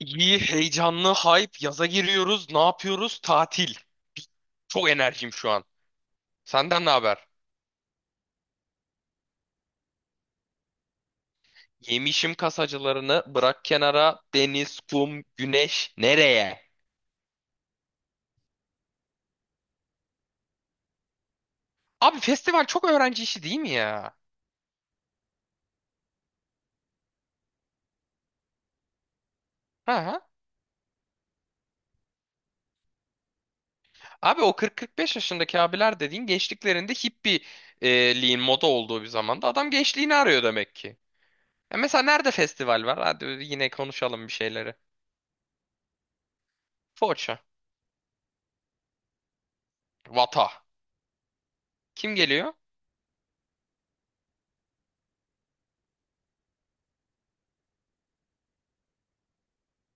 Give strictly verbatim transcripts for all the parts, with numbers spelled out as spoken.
İyi, heyecanlı, hype. Yaza giriyoruz. Ne yapıyoruz? Tatil. Çok enerjim şu an. Senden ne haber? Yemişim kasacılarını. Bırak kenara. Deniz, kum, güneş. Nereye? Abi festival çok öğrenci işi değil mi ya? Ha. Abi o kırk kırk beş yaşındaki abiler dediğin gençliklerinde hippieliğin moda olduğu bir zamanda adam gençliğini arıyor demek ki. E mesela nerede festival var? Hadi yine konuşalım bir şeyleri. Foça. Vata. Kim geliyor?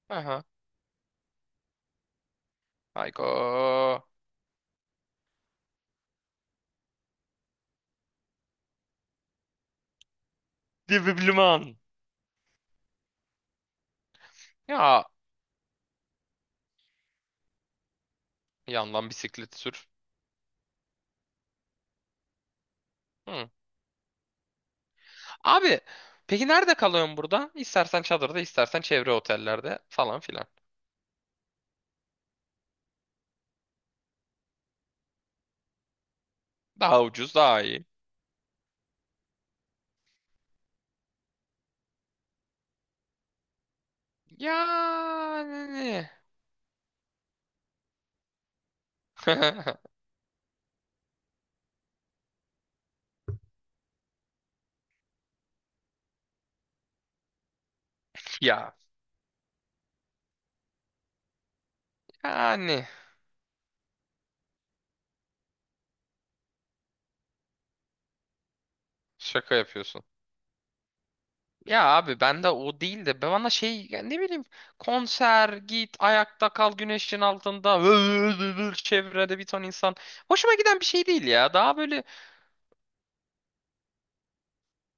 Aha. Hayko. Dibibliman. Ya yandan bisiklet sür. Hı. Abi peki nerede kalıyorsun burada? İstersen çadırda, istersen çevre otellerde falan filan. Daha ucuz, daha iyi. Yani. Ya. Yani. Şaka yapıyorsun. Ya abi ben de o değil de ben bana şey ya ne bileyim konser git ayakta kal güneşin altında çevrede bir ton insan. Hoşuma giden bir şey değil ya. Daha böyle.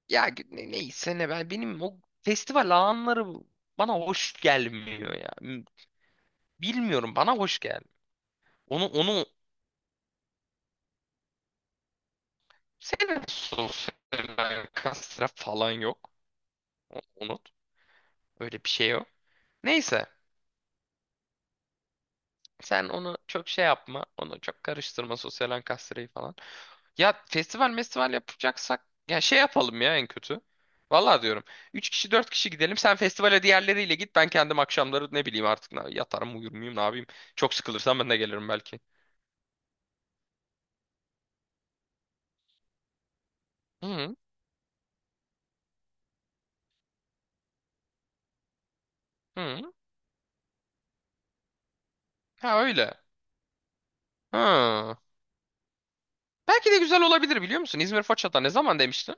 Ya ne- neyse ne ben benim o festival alanları bana hoş gelmiyor ya. M- Bilmiyorum bana hoş gelmiyor. Onu onu senin sosyal kastra falan yok. O- Unut. Öyle bir şey yok. Neyse sen onu çok şey yapma. Onu çok karıştırma sosyal kastrayı falan. Ya festival festival yapacaksak ya şey yapalım ya en kötü. Vallahi diyorum. Üç kişi dört kişi gidelim. Sen festivale diğerleriyle git. Ben kendim akşamları ne bileyim artık ne- yatarım uyur muyum ne yapayım. Çok sıkılırsam ben de gelirim belki. Hı hı. Ha öyle. Hı. Belki de güzel olabilir biliyor musun? İzmir Foça'da ne zaman demiştin?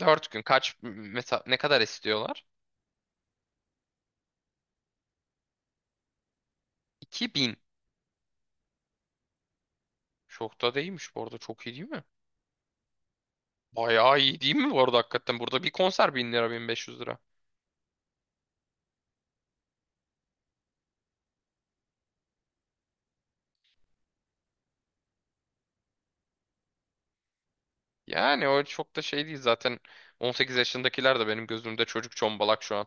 Dört gün kaç mesela ne kadar istiyorlar? iki bin. Çok da değilmiş bu arada çok iyi değil mi? Bayağı iyi değil mi bu arada hakikaten? Burada bir konser bin lira bin beş yüz lira. Yani o çok da şey değil zaten on sekiz yaşındakiler de benim gözümde çocuk çombalak şu an.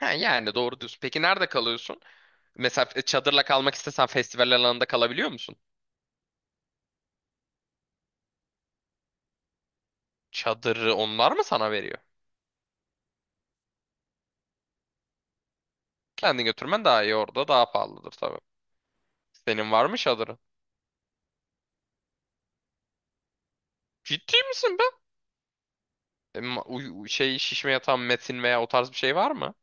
Ha, yani doğru diyorsun. Peki nerede kalıyorsun? Mesela e, çadırla kalmak istesen festival alanında kalabiliyor musun? Çadırı onlar mı sana veriyor? Kendin götürmen daha iyi orada daha pahalıdır tabii. Senin var mı çadırın? Ciddi misin be? E, ma- uy- uy- şey şişme yatağın metin veya o tarz bir şey var mı?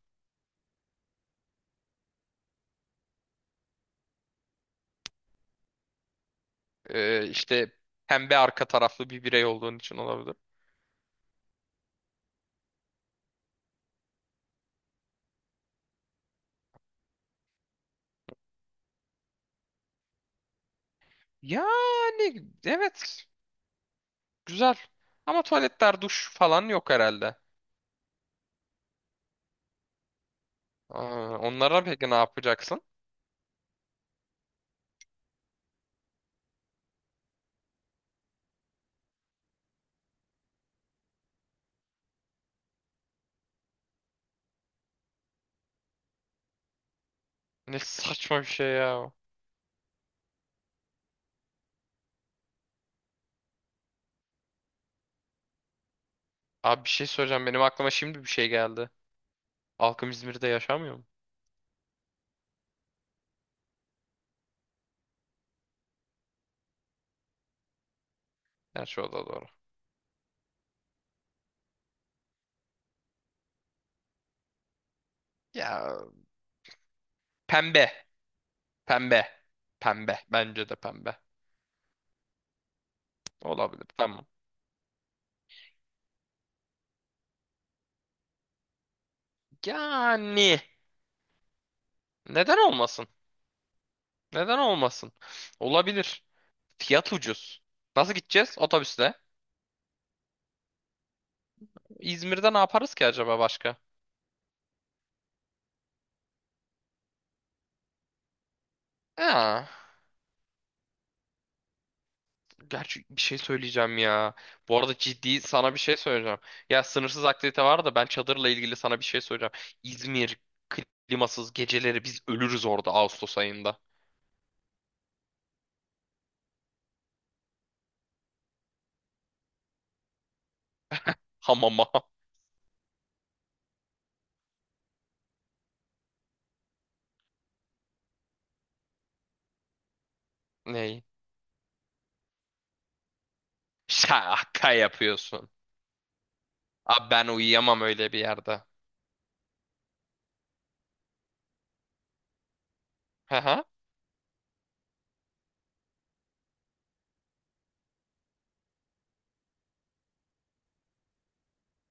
E, işte pembe arka taraflı bir birey olduğun için olabilir. Yani evet güzel. Ama tuvaletler, duş falan yok herhalde. Aa, onlara peki ne yapacaksın? Ne saçma bir şey ya. Abi bir şey söyleyeceğim. Benim aklıma şimdi bir şey geldi. Halkım İzmir'de yaşamıyor mu? Gerçi o da doğru. Ya pembe. Pembe. Pembe. Bence de pembe. Olabilir. Tamam. Yani neden olmasın? Neden olmasın? Olabilir. Fiyat ucuz. Nasıl gideceğiz? Otobüsle. İzmir'de ne yaparız ki acaba başka? Ha. Gerçi bir şey söyleyeceğim ya. Bu arada ciddi sana bir şey söyleyeceğim. Ya sınırsız aktivite var da ben çadırla ilgili sana bir şey söyleyeceğim. İzmir klimasız geceleri biz ölürüz orada Ağustos ayında. Hamama. Ney? Şaka yapıyorsun. Abi ben uyuyamam öyle bir yerde. Hı hı.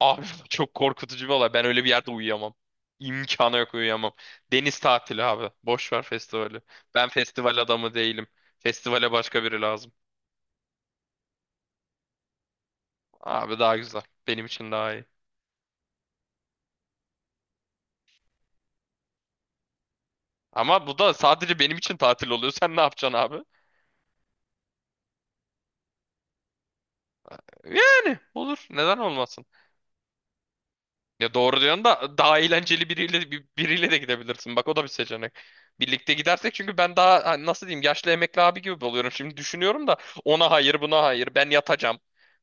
Abi çok korkutucu bir olay. Ben öyle bir yerde uyuyamam. İmkanı yok uyuyamam. Deniz tatili abi. Boş ver festivali. Ben festival adamı değilim. Festivale başka biri lazım. Abi daha güzel. Benim için daha iyi. Ama bu da sadece benim için tatil oluyor. Sen ne yapacaksın abi? Yani olur. Neden olmasın? Ya doğru diyorsun da daha eğlenceli biriyle bir- biriyle de gidebilirsin. Bak o da bir seçenek. Birlikte gidersek çünkü ben daha hani nasıl diyeyim yaşlı emekli abi gibi oluyorum. Şimdi düşünüyorum da ona hayır buna hayır ben yatacağım.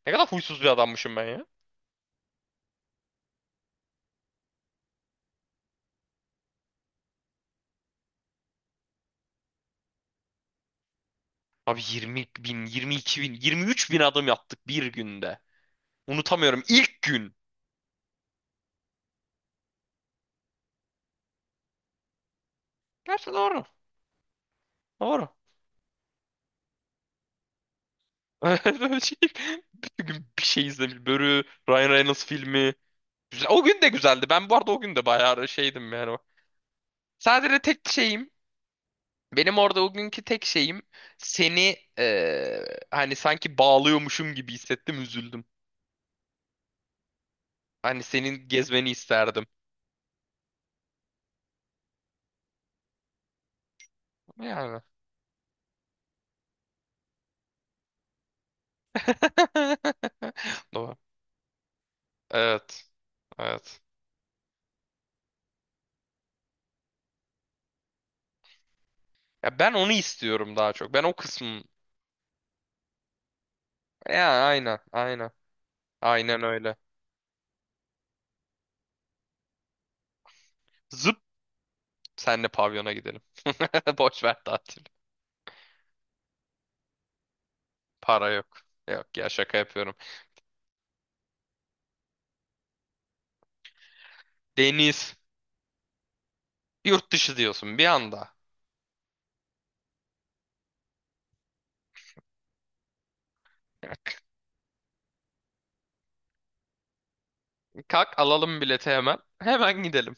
Ne kadar huysuz bir adammışım ben ya. Abi 20 bin, 22 bin, 23 bin adım yaptık bir günde. Unutamıyorum ilk gün. Gerçi doğru. Doğru. Şey, bütün gün bir şey izlemiş. Börü, Ryan Reynolds filmi. Güzel. O gün de güzeldi. Ben bu arada o gün de bayağı şeydim yani. O. Sadece tek şeyim benim orada o günkü tek şeyim seni eee, hani sanki bağlıyormuşum gibi hissettim üzüldüm. Hani senin gezmeni isterdim. Yani. Doğru. Evet. Evet. Ya ben onu istiyorum daha çok. Ben o kısmı. Ya aynen. Aynen. Aynen öyle. Zıp senle pavyona gidelim. Boş ver tatil. Para yok. Yok ya şaka yapıyorum. Deniz. Yurt dışı diyorsun bir anda. Kalk alalım bileti hemen. Hemen gidelim.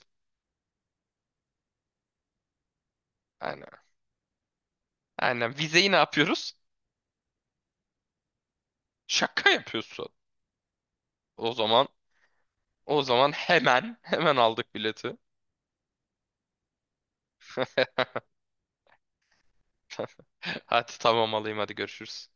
Aynen. Aynen. Vizeyi ne yapıyoruz? Şaka yapıyorsun. O zaman o zaman hemen hemen aldık bileti. Hadi tamam alayım hadi görüşürüz.